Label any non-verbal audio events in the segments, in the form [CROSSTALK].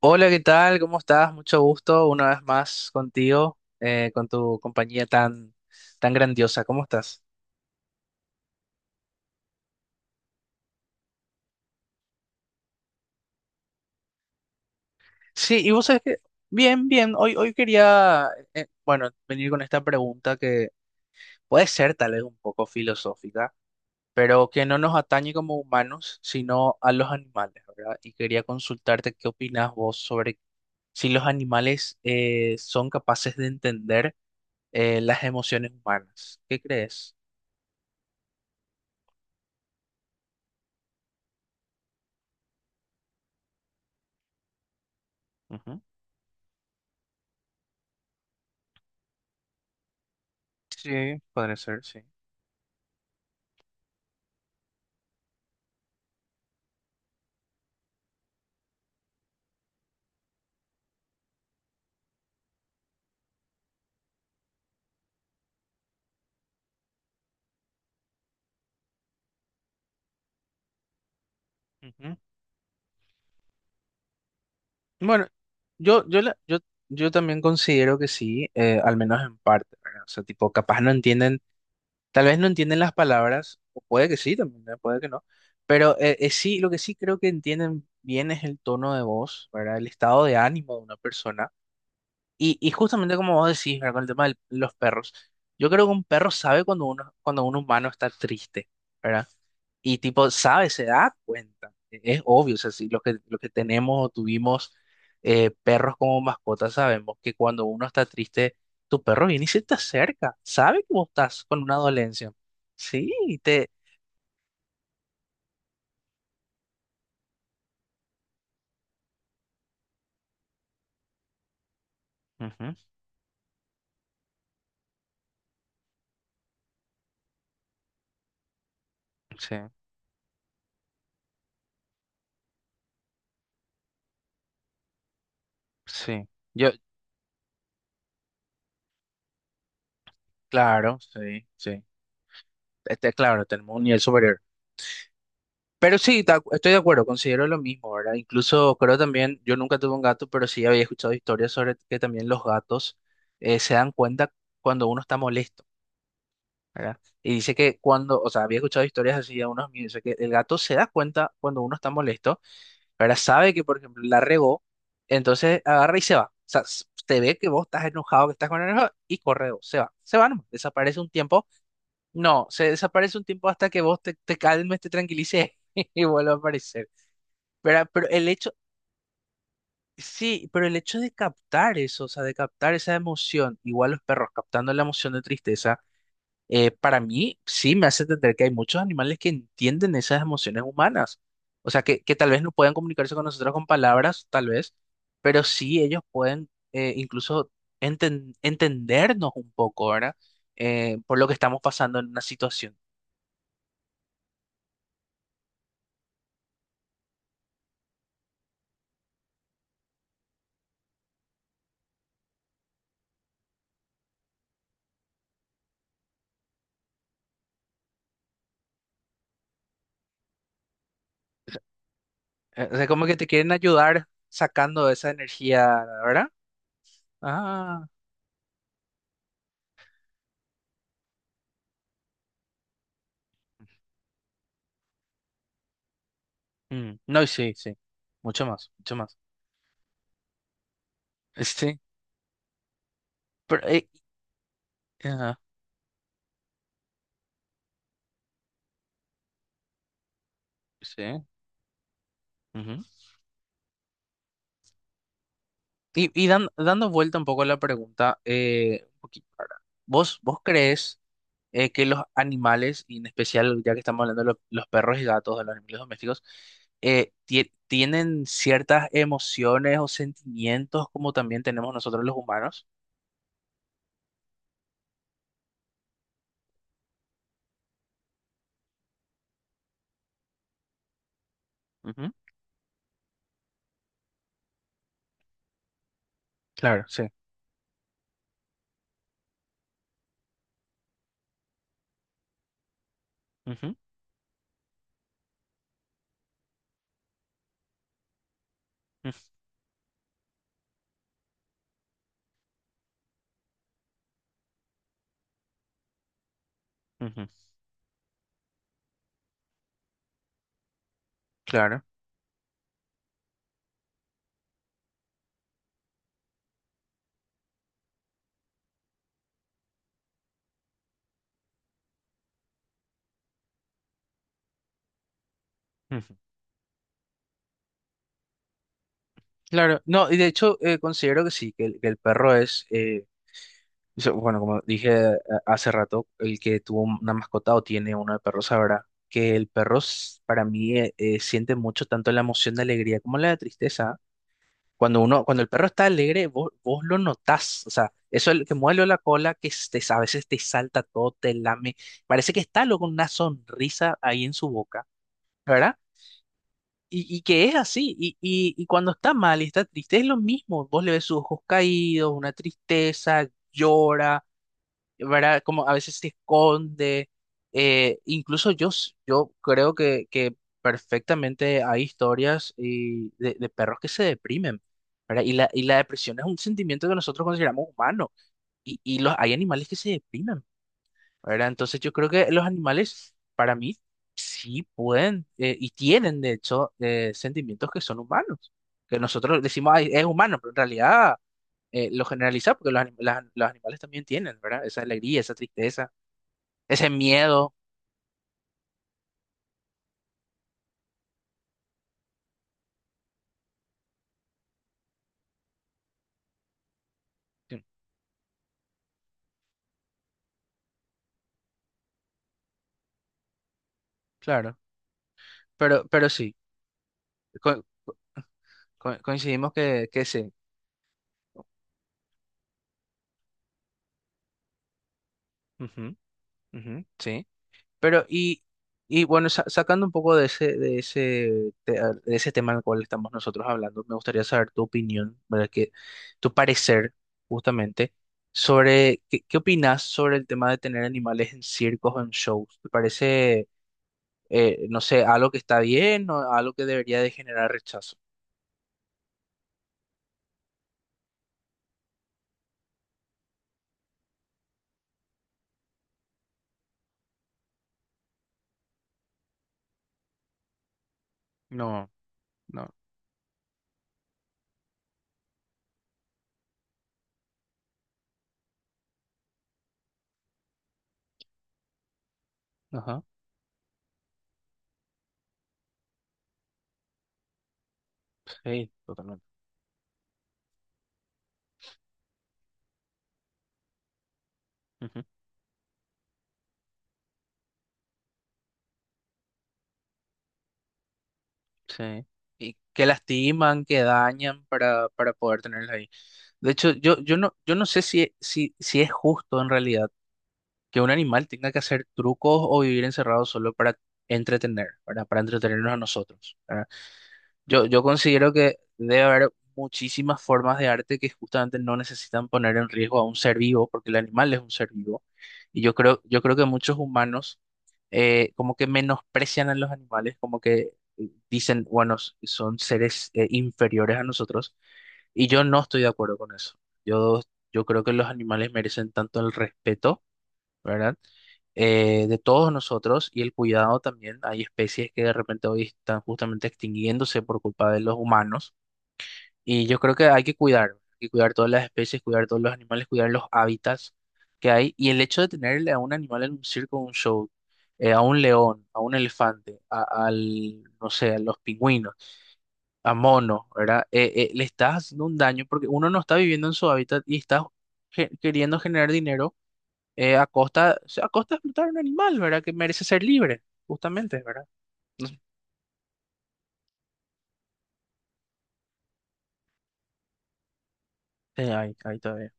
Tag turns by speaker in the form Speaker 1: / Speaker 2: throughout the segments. Speaker 1: Hola, ¿qué tal? ¿Cómo estás? Mucho gusto una vez más contigo, con tu compañía tan, tan grandiosa. ¿Cómo estás? Sí, y vos sabés bien, bien, hoy quería, bueno, venir con esta pregunta que puede ser tal vez un poco filosófica, pero que no nos atañe como humanos, sino a los animales, ¿verdad? Y quería consultarte qué opinás vos sobre si los animales son capaces de entender las emociones humanas. ¿Qué crees? Sí, podría ser, sí. Ujú. Bueno, yo, yo, la- yo, yo también considero que sí, al menos en parte, ¿verdad? O sea, tipo, capaz no entienden, tal vez no entienden las palabras, o puede que sí también, ¿verdad? Puede que no, pero sí, lo que sí creo que entienden bien es el tono de voz, ¿verdad? El estado de ánimo de una persona. Y justamente como vos decís, ¿verdad? Con el tema de los perros, yo creo que un perro sabe cuando un humano está triste, ¿verdad? Y tipo, sabe, se da cuenta. Es obvio, o sea, si los que, los que tenemos o tuvimos perros como mascotas sabemos que cuando uno está triste, tu perro viene y se te acerca. Sabe que vos estás con una dolencia. Sí, Ujú, sí, sí. Yo, claro, sí, sí. Este, claro, tenemos un nivel superior. Pero sí, estoy de acuerdo, considero lo mismo, ¿verdad? Incluso creo también, yo nunca tuve un gato, pero sí había escuchado historias sobre que también los gatos se dan cuenta cuando uno está molesto. ¿Verdad? Y dice que cuando, o sea, había escuchado historias así de unos míos, dice que el gato se da cuenta cuando uno está molesto, ¿verdad? Sabe que, por ejemplo, la regó, entonces agarra y se va. O sea, te ve que vos estás enojado, que estás con enojo, y corre, vos, se va. Se va nomás, desaparece un tiempo. No, se desaparece un tiempo hasta que vos te, te calmes, te tranquilices [LAUGHS] y vuelve a aparecer. ¿Verdad? Pero el hecho, sí, pero el hecho de captar eso, o sea, de captar esa emoción, igual los perros captando la emoción de tristeza para mí sí me hace entender que hay muchos animales que entienden esas emociones humanas. O sea, que tal vez no puedan comunicarse con nosotros con palabras, tal vez, pero sí ellos pueden incluso entendernos un poco, ¿verdad? Por lo que estamos pasando en una situación. O sea, como que te quieren ayudar sacando esa energía, ¿verdad? Ah, mm, no, y sí, sí. Mucho más, mucho más. Sí, pero, ajá, sí. Ujú. Y dando vuelta un poco a la pregunta, un poquito, ahora, ¿ vos crees que los animales, y en especial ya que estamos hablando de los perros y gatos, de los animales domésticos, tienen ciertas emociones o sentimientos como también tenemos nosotros los humanos? Ujú, claro, sí. Ujú, ujú, ujú, claro. Ujú. Claro, no, y de hecho considero que sí, que el perro es, so, bueno, como dije hace rato, el que tuvo una mascota o tiene uno de perros sabrá que el perro para mí siente mucho tanto la emoción de alegría como la de tristeza. Cuando el perro está alegre, vos lo notás. O sea, eso el que mueve la cola, que a veces te salta todo, te lame. Parece que está luego una sonrisa ahí en su boca, ¿verdad? Y que es así. Y cuando está mal y está triste, es lo mismo. Vos le ves sus ojos caídos, una tristeza, llora ¿verdad? Como a veces se esconde. Eh, incluso yo creo que perfectamente hay historias y de perros que se deprimen, ¿verdad? Y la depresión es un sentimiento que nosotros consideramos humano. Hay animales que se deprimen, ¿verdad? Entonces yo creo que los animales, para mí, sí pueden y tienen, de hecho, sentimientos que son humanos. Que nosotros decimos, "Ay, es humano, pero en realidad lo generaliza porque los animales también tienen, ¿verdad? Esa alegría, esa tristeza, ese miedo, sí, claro, pero sí, co- coincidimos que sí, ujú, ujú. Sí, pero y bueno, sacando un poco de de ese tema al cual estamos nosotros hablando, me gustaría saber tu opinión, ¿verdad? Que, tu parecer, justamente, sobre, ¿qué, qué opinas sobre el tema de tener animales en circos o en shows? ¿Te parece, no sé, algo que está bien o algo que debería de generar rechazo? No, no. Ajá. Sí, totalmente. Ujú, sí. Y que lastiman, que dañan para poder tenerlos ahí. De hecho, yo no sé si es justo en realidad que un animal tenga que hacer trucos o vivir encerrado solo para entretener, ¿verdad? Para entretenernos a nosotros, ¿verdad? Yo considero que debe haber muchísimas formas de arte que justamente no necesitan poner en riesgo a un ser vivo, porque el animal es un ser vivo. Yo creo que muchos humanos como que menosprecian a los animales, como que dicen, bueno, son seres inferiores a nosotros. Y yo no estoy de acuerdo con eso. Yo, yo creo que los animales merecen tanto el respeto, ¿verdad? De todos nosotros y el cuidado también. Hay especies que de repente hoy están justamente extinguiéndose por culpa de los humanos y yo creo que hay que cuidar todas las especies, cuidar todos los animales, cuidar los hábitats que hay y el hecho de tenerle a un animal en un circo, un show, a un león, a un elefante, no sé, a los pingüinos, a monos, ¿verdad? Le estás haciendo un daño porque uno no está viviendo en su hábitat y está queriendo generar dinero a costa, o sea, a costa de explotar un animal, ¿verdad? Que merece ser libre, justamente, ¿verdad? Ahí, ahí todavía.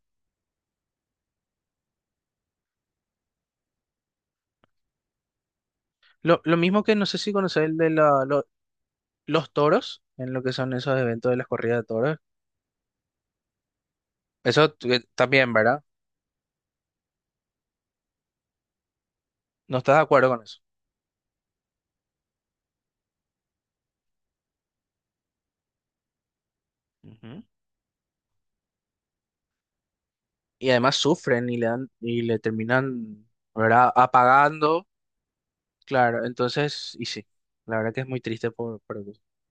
Speaker 1: Lo mismo que no sé si conoces el de los toros, en lo que son esos eventos de las corridas de toros. Eso también, ¿verdad? No estás de acuerdo con eso. Ujú. Y además sufren y le terminan, ¿verdad? Apagando, claro. Entonces, y sí, la verdad que es muy triste por eso. [LAUGHS]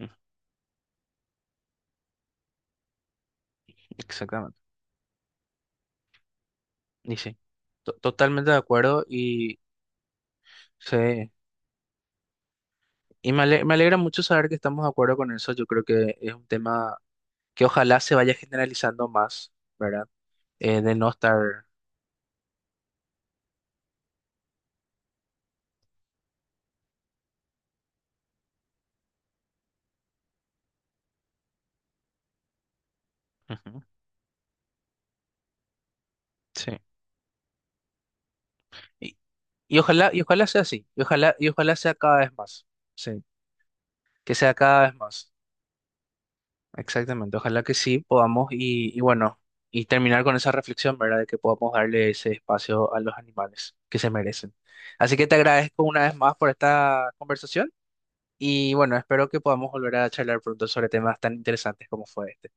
Speaker 1: Mm. Exactamente. Y sí, totalmente de acuerdo y sí. Y me alegra mucho saber que estamos de acuerdo con eso. Yo creo que es un tema que ojalá se vaya generalizando más, ¿verdad? De no estar... Ujú, sí. Y, y ojalá, y ojalá sea así. Y ojalá sea cada vez más. Sí. Que sea cada vez más. Exactamente. Ojalá que sí podamos y bueno, y terminar con esa reflexión, ¿verdad? De que podamos darle ese espacio a los animales que se merecen. Así que te agradezco una vez más por esta conversación y bueno, espero que podamos volver a charlar pronto sobre temas tan interesantes como fue este.